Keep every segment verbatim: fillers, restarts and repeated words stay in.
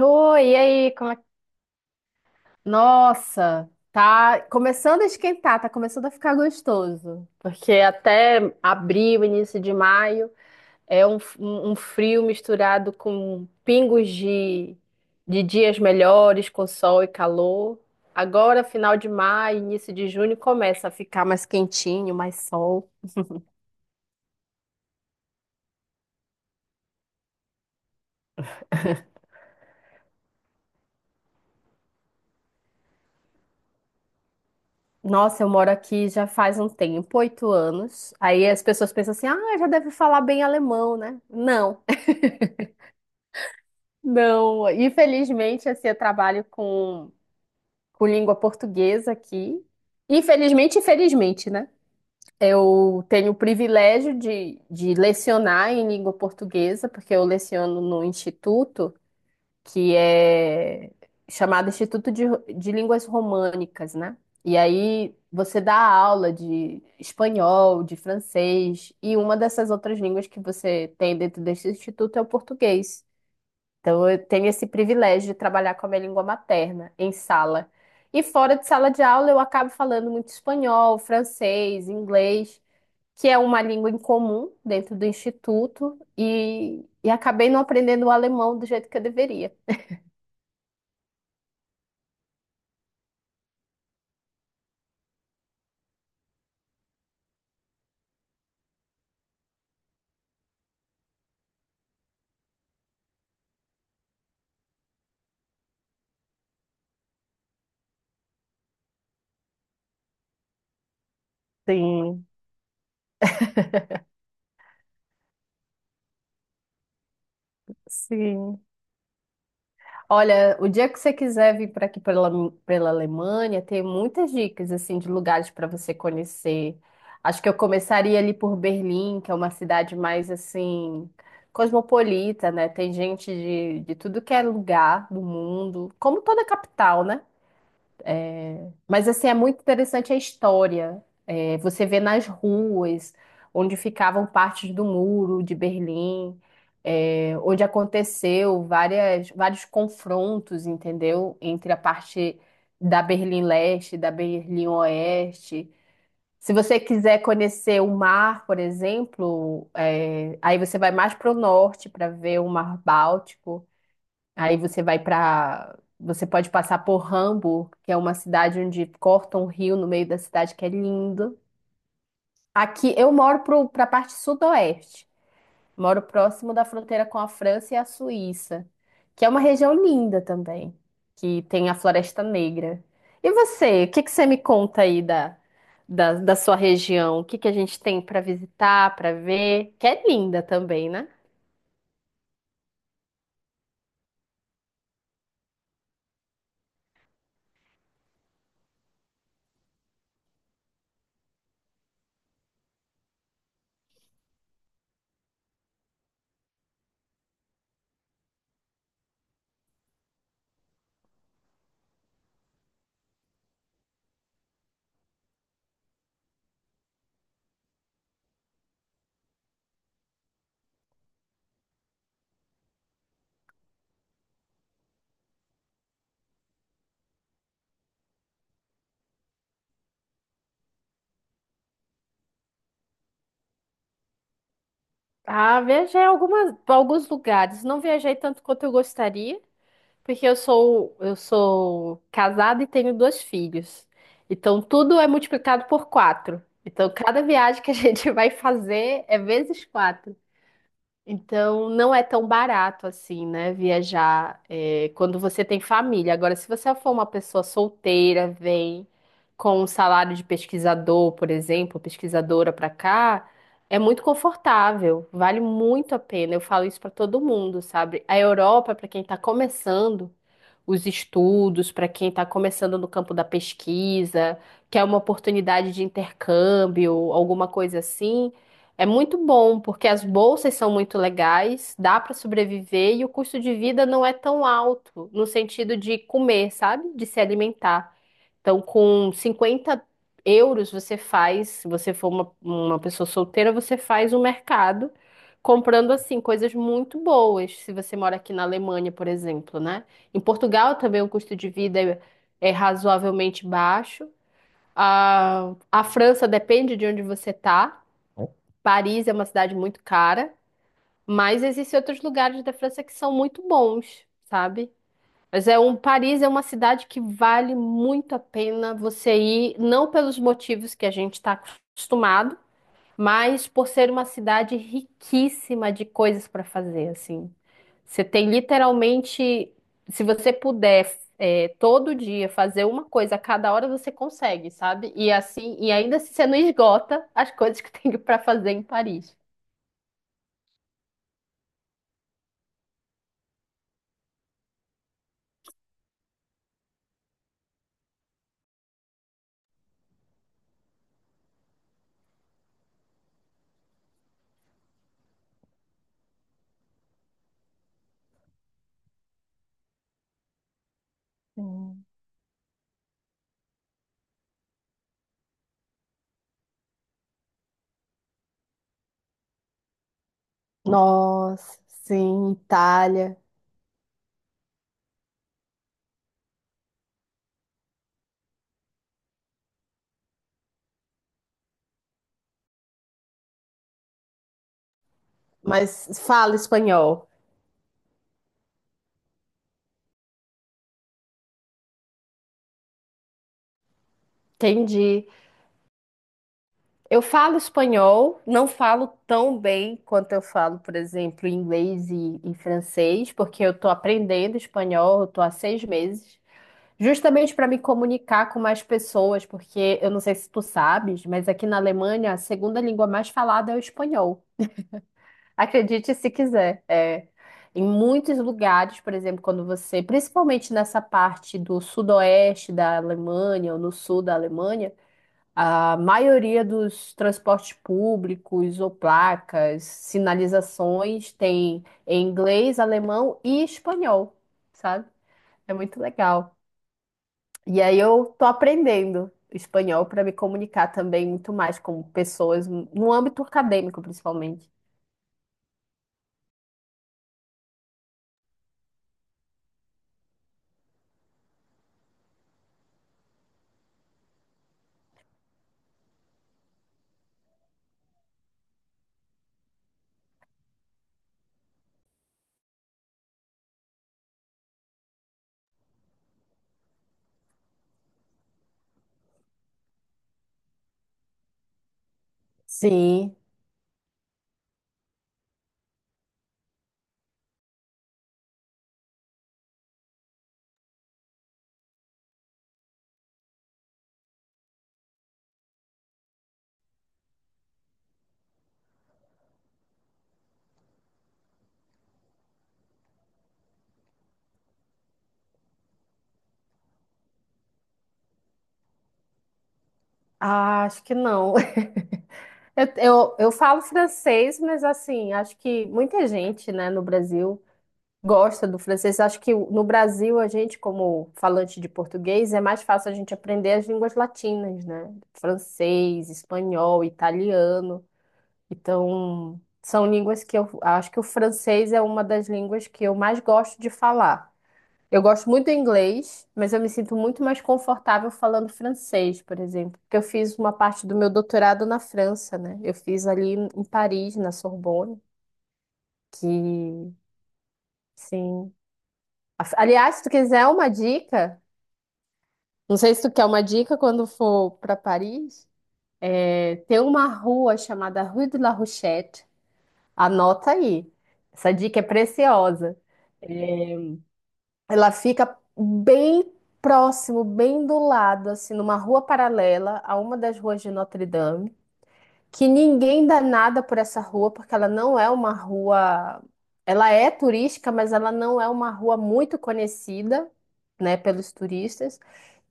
Oi, e aí, como é que... Nossa, tá começando a esquentar, tá começando a ficar gostoso. Porque até abril, início de maio, é um, um um frio misturado com pingos de, de dias melhores, com sol e calor. Agora, final de maio, início de junho, começa a ficar mais quentinho, mais sol. Nossa, eu moro aqui já faz um tempo, oito anos. Aí as pessoas pensam assim, ah, já deve falar bem alemão, né? Não. Não, infelizmente, assim, eu trabalho com, com língua portuguesa aqui. Infelizmente, infelizmente, né? Eu tenho o privilégio de, de lecionar em língua portuguesa, porque eu leciono no instituto, que é chamado Instituto de, de Línguas Românicas, né? E aí você dá aula de espanhol, de francês, e uma dessas outras línguas que você tem dentro desse instituto é o português. Então, eu tenho esse privilégio de trabalhar com a minha língua materna em sala. E fora de sala de aula, eu acabo falando muito espanhol, francês, inglês, que é uma língua em comum dentro do instituto, e, e acabei não aprendendo o alemão do jeito que eu deveria. Sim, sim. Olha, o dia que você quiser vir para aqui pela, pela Alemanha, tem muitas dicas assim de lugares para você conhecer. Acho que eu começaria ali por Berlim, que é uma cidade mais assim cosmopolita, né? Tem gente de, de tudo que é lugar do mundo, como toda capital, né? Mas assim é muito interessante a história. É, Você vê nas ruas onde ficavam partes do muro de Berlim, é, onde aconteceu várias, vários confrontos, entendeu? Entre a parte da Berlim Leste e da Berlim Oeste. Se você quiser conhecer o mar, por exemplo, é, aí você vai mais para o norte para ver o Mar Báltico. Aí você vai para. Você pode passar por Hamburgo, que é uma cidade onde corta um rio no meio da cidade, que é lindo. Aqui eu moro para a parte sudoeste. Moro próximo da fronteira com a França e a Suíça, que é uma região linda também, que tem a Floresta Negra. E você, o que que você me conta aí da, da, da sua região? O que que a gente tem para visitar, para ver? Que é linda também, né? Ah, viajei algumas, pra alguns lugares. Não viajei tanto quanto eu gostaria. Porque eu sou, eu sou casada e tenho dois filhos. Então tudo é multiplicado por quatro. Então cada viagem que a gente vai fazer é vezes quatro. Então, não é tão barato assim, né? Viajar, é, quando você tem família. Agora, se você for uma pessoa solteira, vem com um salário de pesquisador, por exemplo, pesquisadora para cá, é muito confortável, vale muito a pena. Eu falo isso para todo mundo, sabe? A Europa, para quem está começando os estudos, para quem está começando no campo da pesquisa, quer uma oportunidade de intercâmbio, alguma coisa assim. É muito bom, porque as bolsas são muito legais, dá para sobreviver e o custo de vida não é tão alto, no sentido de comer, sabe? De se alimentar. Então, com cinquenta euros, você faz, se você for uma, uma pessoa solteira, você faz um mercado comprando, assim, coisas muito boas, se você mora aqui na Alemanha, por exemplo, né? Em Portugal também o custo de vida é é razoavelmente baixo. A, a França depende de onde você está. Paris é uma cidade muito cara, mas existem outros lugares da França que são muito bons, sabe? Mas é um Paris é uma cidade que vale muito a pena você ir, não pelos motivos que a gente está acostumado, mas por ser uma cidade riquíssima de coisas para fazer, assim. Você tem literalmente, se você puder, é, todo dia fazer uma coisa, a cada hora você consegue, sabe? E assim, e ainda assim você não esgota as coisas que tem para fazer em Paris. Sim. Nossa, sim, Itália. Mas falo espanhol. Entendi. Eu falo espanhol, não falo tão bem quanto eu falo, por exemplo, inglês e, e francês, porque eu estou aprendendo espanhol, eu estou há seis meses, justamente para me comunicar com mais pessoas, porque eu não sei se tu sabes, mas aqui na Alemanha a segunda língua mais falada é o espanhol. Acredite se quiser. É. Em muitos lugares, por exemplo, quando você, principalmente nessa parte do sudoeste da Alemanha ou no sul da Alemanha, a maioria dos transportes públicos ou placas, sinalizações tem em inglês, alemão e espanhol, sabe? É muito legal. E aí eu tô aprendendo espanhol para me comunicar também muito mais com pessoas no âmbito acadêmico, principalmente. Sim. Ah, acho que não. Eu, eu, eu falo francês, mas assim, acho que muita gente, né, no Brasil gosta do francês. Acho que no Brasil, a gente, como falante de português, é mais fácil a gente aprender as línguas latinas, né? Francês, espanhol, italiano. Então, são línguas que eu acho que o francês é uma das línguas que eu mais gosto de falar. Eu gosto muito do inglês, mas eu me sinto muito mais confortável falando francês, por exemplo, porque eu fiz uma parte do meu doutorado na França, né? Eu fiz ali em Paris, na Sorbonne, que, sim. Af- Aliás, se tu quiser uma dica, não sei se tu quer uma dica quando for para Paris, é, tem uma rua chamada Rue de la Rochette. Anota aí. Essa dica é preciosa. É, Ela fica bem próximo, bem do lado, assim, numa rua paralela a uma das ruas de Notre Dame, que ninguém dá nada por essa rua, porque ela não é uma rua. Ela é turística, mas ela não é uma rua muito conhecida, né, pelos turistas.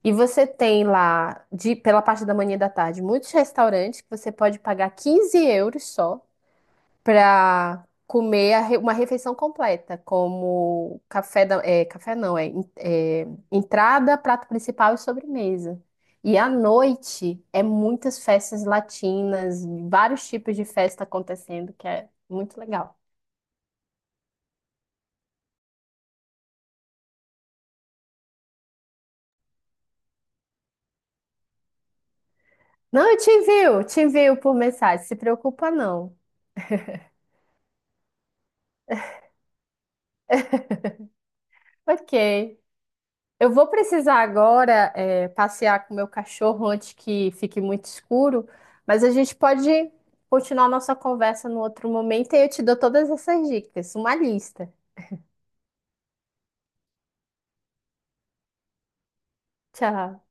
E você tem lá, de, pela parte da manhã e da tarde, muitos restaurantes que você pode pagar quinze euros só para comer a re- uma refeição completa, como café da, é, café não, é, en- é, entrada, prato principal e sobremesa. E à noite é muitas festas latinas, vários tipos de festa acontecendo, que é muito legal. Não, eu te envio, te envio por mensagem, se preocupa não. Ok. Eu vou precisar agora, é, passear com meu cachorro antes que fique muito escuro, mas a gente pode continuar nossa conversa no outro momento e eu te dou todas essas dicas, uma lista. Tchau.